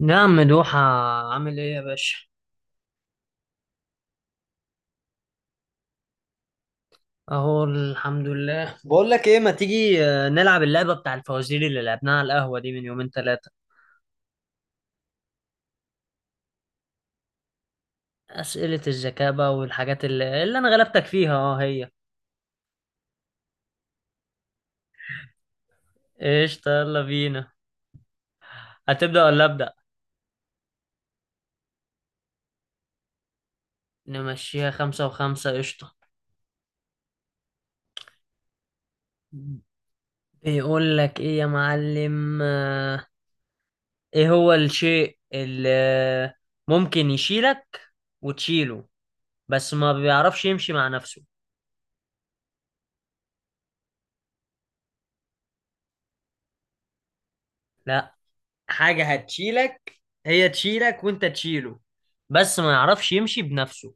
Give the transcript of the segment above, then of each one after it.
نعم، مدوحة. عامل ايه يا باشا؟ اهو الحمد لله. بقول لك ايه، ما تيجي نلعب اللعبة بتاع الفوازير اللي لعبناها على القهوة دي من يومين ثلاثة. أسئلة الذكاء بقى والحاجات اللي انا غلبتك فيها هي. قشطة، يلا بينا. هتبدأ ولا أبدأ؟ نمشيها خمسة وخمسة، قشطة. بيقول لك ايه يا معلم. ايه هو الشيء اللي ممكن يشيلك وتشيله، بس ما بيعرفش يمشي مع نفسه. لا، حاجة هتشيلك، هي تشيلك وانت تشيله، بس ما يعرفش يمشي بنفسه.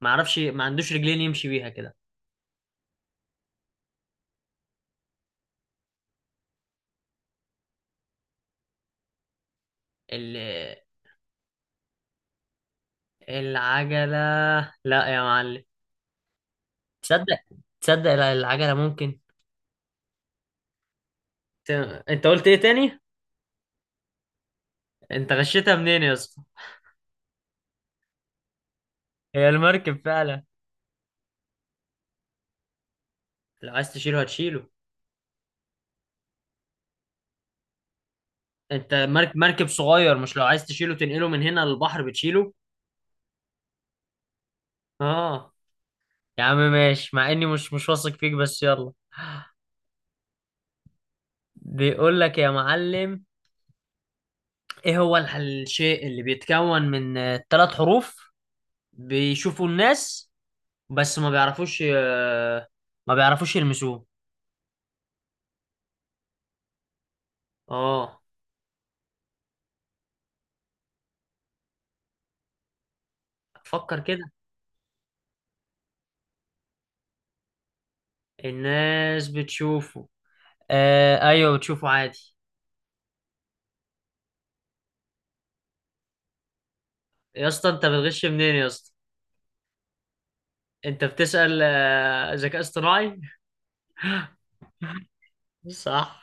ما يعرفش، ما عندوش رجلين يمشي بيها كده. ال... العجلة. لا يا معلم. تصدق، تصدق لا، العجلة ممكن. ت... انت قلت ايه تاني؟ انت غشيتها منين يا اسطى؟ هي المركب فعلا. لو عايز تشيله هتشيله. انت مركب مركب صغير، مش لو عايز تشيله تنقله من هنا للبحر بتشيله؟ اه. يا عم ماشي، مع اني مش واثق فيك، بس يلا. بيقول لك يا معلم، ايه هو الشيء اللي بيتكون من ثلاث حروف، بيشوفوا الناس بس ما بيعرفوش، ما بيعرفوش يلمسوه. اه، فكر كده. الناس بتشوفه. آه ايوه، بتشوفه عادي. يا اسطى انت بتغش منين يا اسطى؟ انت بتسأل ذكاء اصطناعي. صح.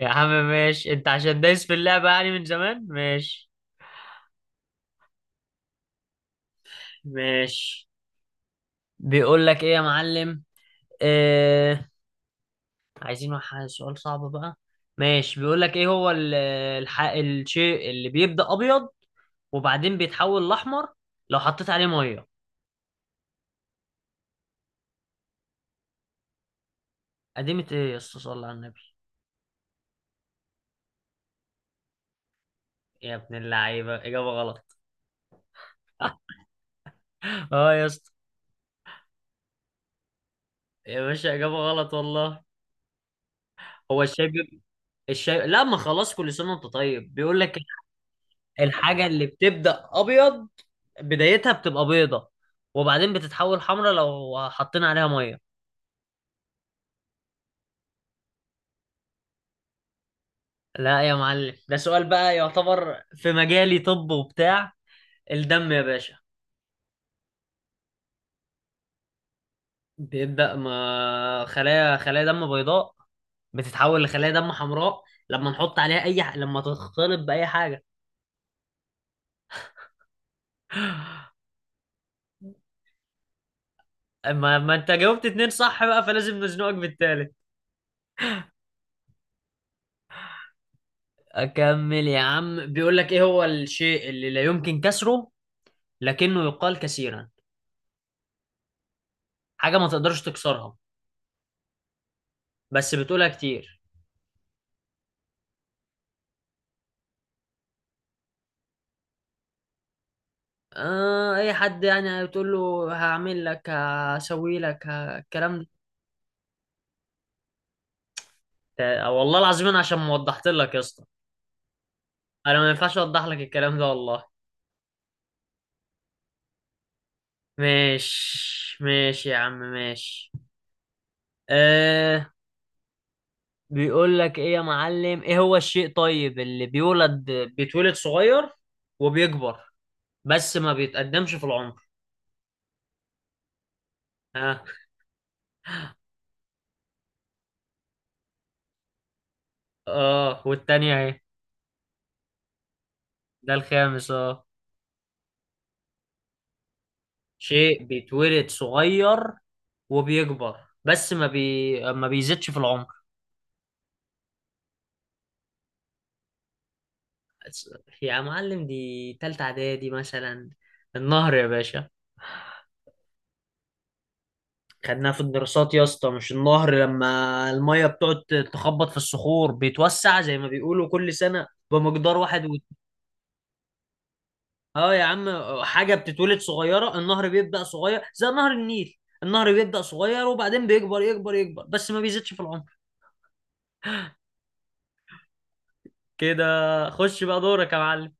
يا عم ماشي، انت عشان دايس في اللعبة يعني من زمان، ماشي. ماشي. بيقول لك ايه يا معلم. آه عايزين سؤال صعب بقى. ماشي، بيقول لك ايه هو الشيء اللي بيبدأ ابيض، وبعدين بيتحول لاحمر لو حطيت عليه ميه. قديمة ايه يا اسطى؟ صلى على النبي. يا ابن اللعيبة اجابة غلط. اه يا اسطى. يا باشا اجابة غلط والله. هو الشاي الشاي لا. ما خلاص، كل سنة وانت طيب. بيقول لك الحاجة اللي بتبدأ ابيض، بدايتها بتبقى بيضة، وبعدين بتتحول حمرا لو حطينا عليها ميه. لا يا معلم، ده سؤال بقى يعتبر في مجالي، طب وبتاع. الدم يا باشا. بيبدأ ما خلايا دم بيضاء، بتتحول لخلايا دم حمراء لما نحط عليها لما تختلط بأي حاجة. ما انت جاوبت اتنين صح بقى، فلازم نزنقك بالتالت. اكمل يا عم. بيقول لك ايه هو الشيء اللي لا يمكن كسره، لكنه يقال كثيرا. حاجة ما تقدرش تكسرها، بس بتقولها كتير. اي حد يعني بتقول له هعمل لك، هسوي لك، الكلام ده. والله العظيم انا عشان ما وضحت لك يا اسطى. انا ما ينفعش اوضح لك الكلام ده والله. ماشي، ماشي يا عم، ماشي. آه بيقول لك ايه يا معلم. ايه هو الشيء طيب اللي بيتولد صغير وبيكبر، بس ما بيتقدمش في العمر؟ ها. اه، والتانية اهي. ده الخامس، اه. شيء بيتولد صغير وبيكبر، بس ما بيزيدش في العمر. أس- يا معلم دي تالتة اعدادي مثلا. النهر يا باشا. خدناها في الدراسات يا اسطى. مش النهر لما المية بتقعد تخبط في الصخور، بيتوسع زي ما بيقولوا كل سنة بمقدار واحد. اه يا عم، حاجة بتتولد صغيرة. النهر بيبدأ صغير زي نهر النيل. النهر بيبدأ صغير وبعدين بيكبر يكبر يكبر، بس ما بيزيدش في العمر. كده. خش بقى دورك يا معلم.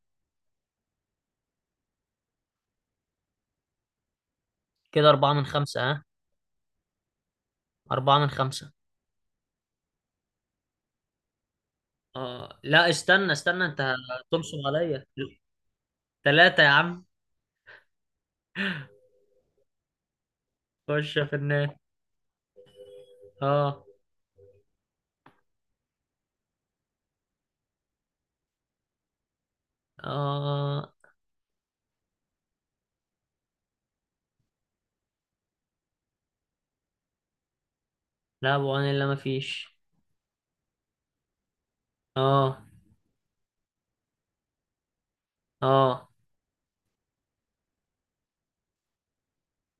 كده أربعة من خمسة. ها؟ أربعة من خمسة. لا، استنى استنى. أنت تنصب عليا. تلاتة يا عم. خش في النار. آه. آه، لا، أبو عن إلا مفيش. آه. آه.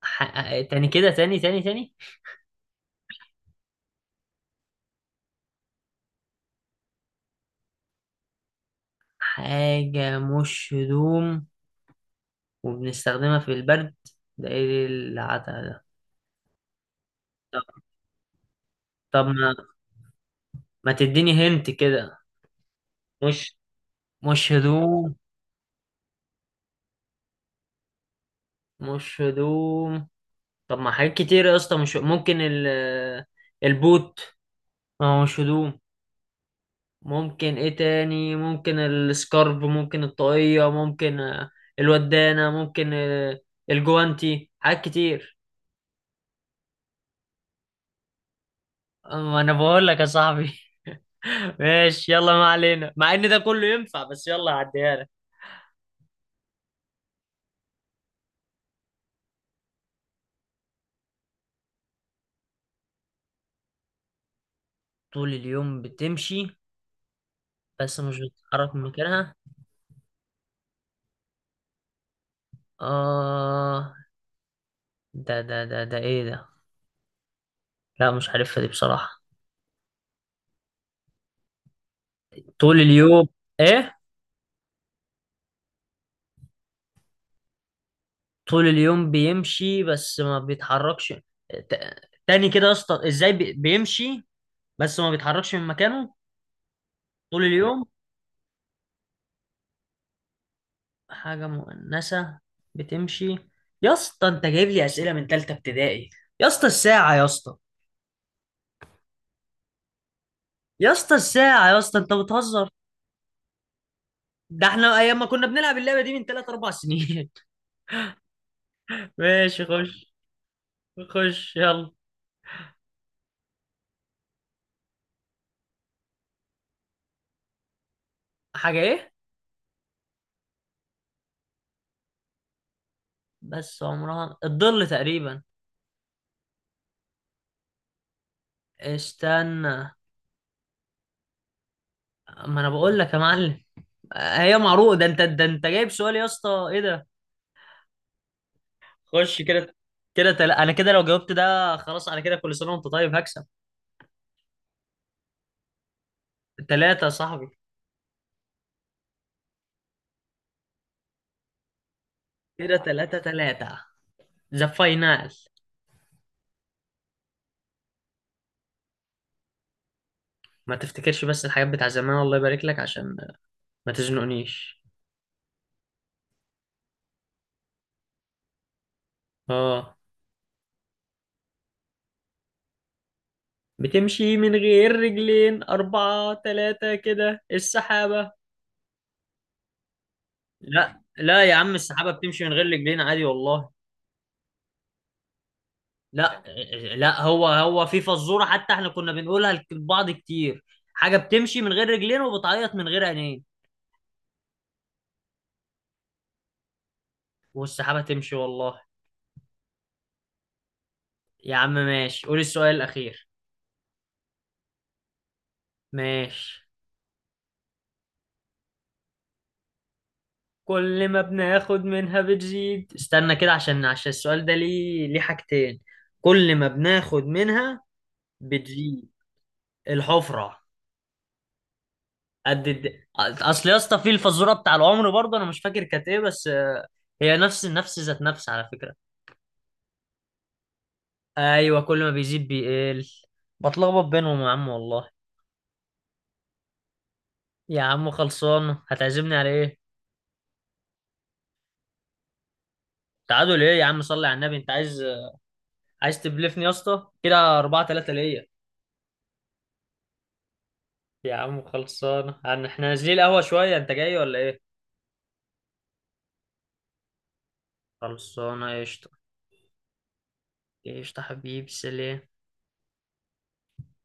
ح... تاني كده. تاني تاني تاني. حاجة مش هدوم وبنستخدمها في البرد، ده إيه العتا ده؟ طب. طب ما تديني هنت كده؟ مش مش هدوم. مش هدوم. طب ما حاجات كتير يا اسطى، مش ممكن البوت. ما هو مش هدوم. ممكن ايه تاني؟ ممكن السكارف، ممكن الطاقية، ممكن الودانة، ممكن الجوانتي. حاجات كتير. ما انا بقول لك يا صاحبي. ماشي، يلا ما علينا، مع ان ده كله ينفع، بس يلا هعديها لك. طول اليوم بتمشي بس مش بتتحرك من مكانها؟ اه. ده ايه ده؟ لا مش عارفها دي بصراحة. طول اليوم ايه؟ طول اليوم بيمشي بس ما بيتحركش. ت- تاني كده يا اسطى. ازاي بيمشي بس ما بيتحركش من مكانه طول اليوم؟ حاجة مؤنثة بتمشي. يا اسطى انت جايب لي أسئلة من تالتة ابتدائي. يا اسطى الساعة يا اسطى. يا اسطى الساعة يا اسطى، انت بتهزر. ده احنا ايام ما كنا بنلعب اللعبة دي من تلات اربع سنين. ماشي، خش. خش يلا. حاجة ايه؟ بس عمرها. الظل تقريبا. استنى. ما انا بقول لك يا معلم، هي معروف ده انت جايب سؤال يا اسطى، ايه ده؟ خش كده. كده انا كده لو جاوبت ده خلاص. انا كده كل سنه وانت طيب، هكسب. ثلاثة يا صاحبي. كده ثلاثة ثلاثة. ذا فاينال. ما تفتكرش بس الحاجات بتاع زمان، الله يبارك لك، عشان ما تزنقنيش. اه. بتمشي من غير رجلين، أربعة، ثلاثة، كده السحابة. لا لا يا عم، السحابة بتمشي من غير رجلين عادي والله. لا، لا هو في فزورة حتى احنا كنا بنقولها لبعض كتير. حاجة بتمشي من غير رجلين وبتعيط من غير عينين. والسحابة تمشي والله. يا عم ماشي، قول السؤال الأخير. ماشي. كل ما بناخد منها بتزيد. استنى كده عشان السؤال ده ليه، حاجتين. كل ما بناخد منها بتزيد. الحفرة. قد أصل يا اسطى، في الفزورة بتاع العمر برضه أنا مش فاكر كانت إيه، بس هي نفس نفس ذات نفس على فكرة. أيوة كل ما بيزيد بيقل. بتلخبط بينهم يا عم والله. يا عم خلصان، هتعزمني على إيه؟ تعادل إيه يا عم؟ صلي على النبي. أنت عايز تبلفني يا اسطى، كده 4-3 ليا. يا عم خلصانه. يعني احنا نازلين القهوه شويه، انت جاي ولا ايه؟ خلصانه قشطه. قشطه حبيبي. سلام.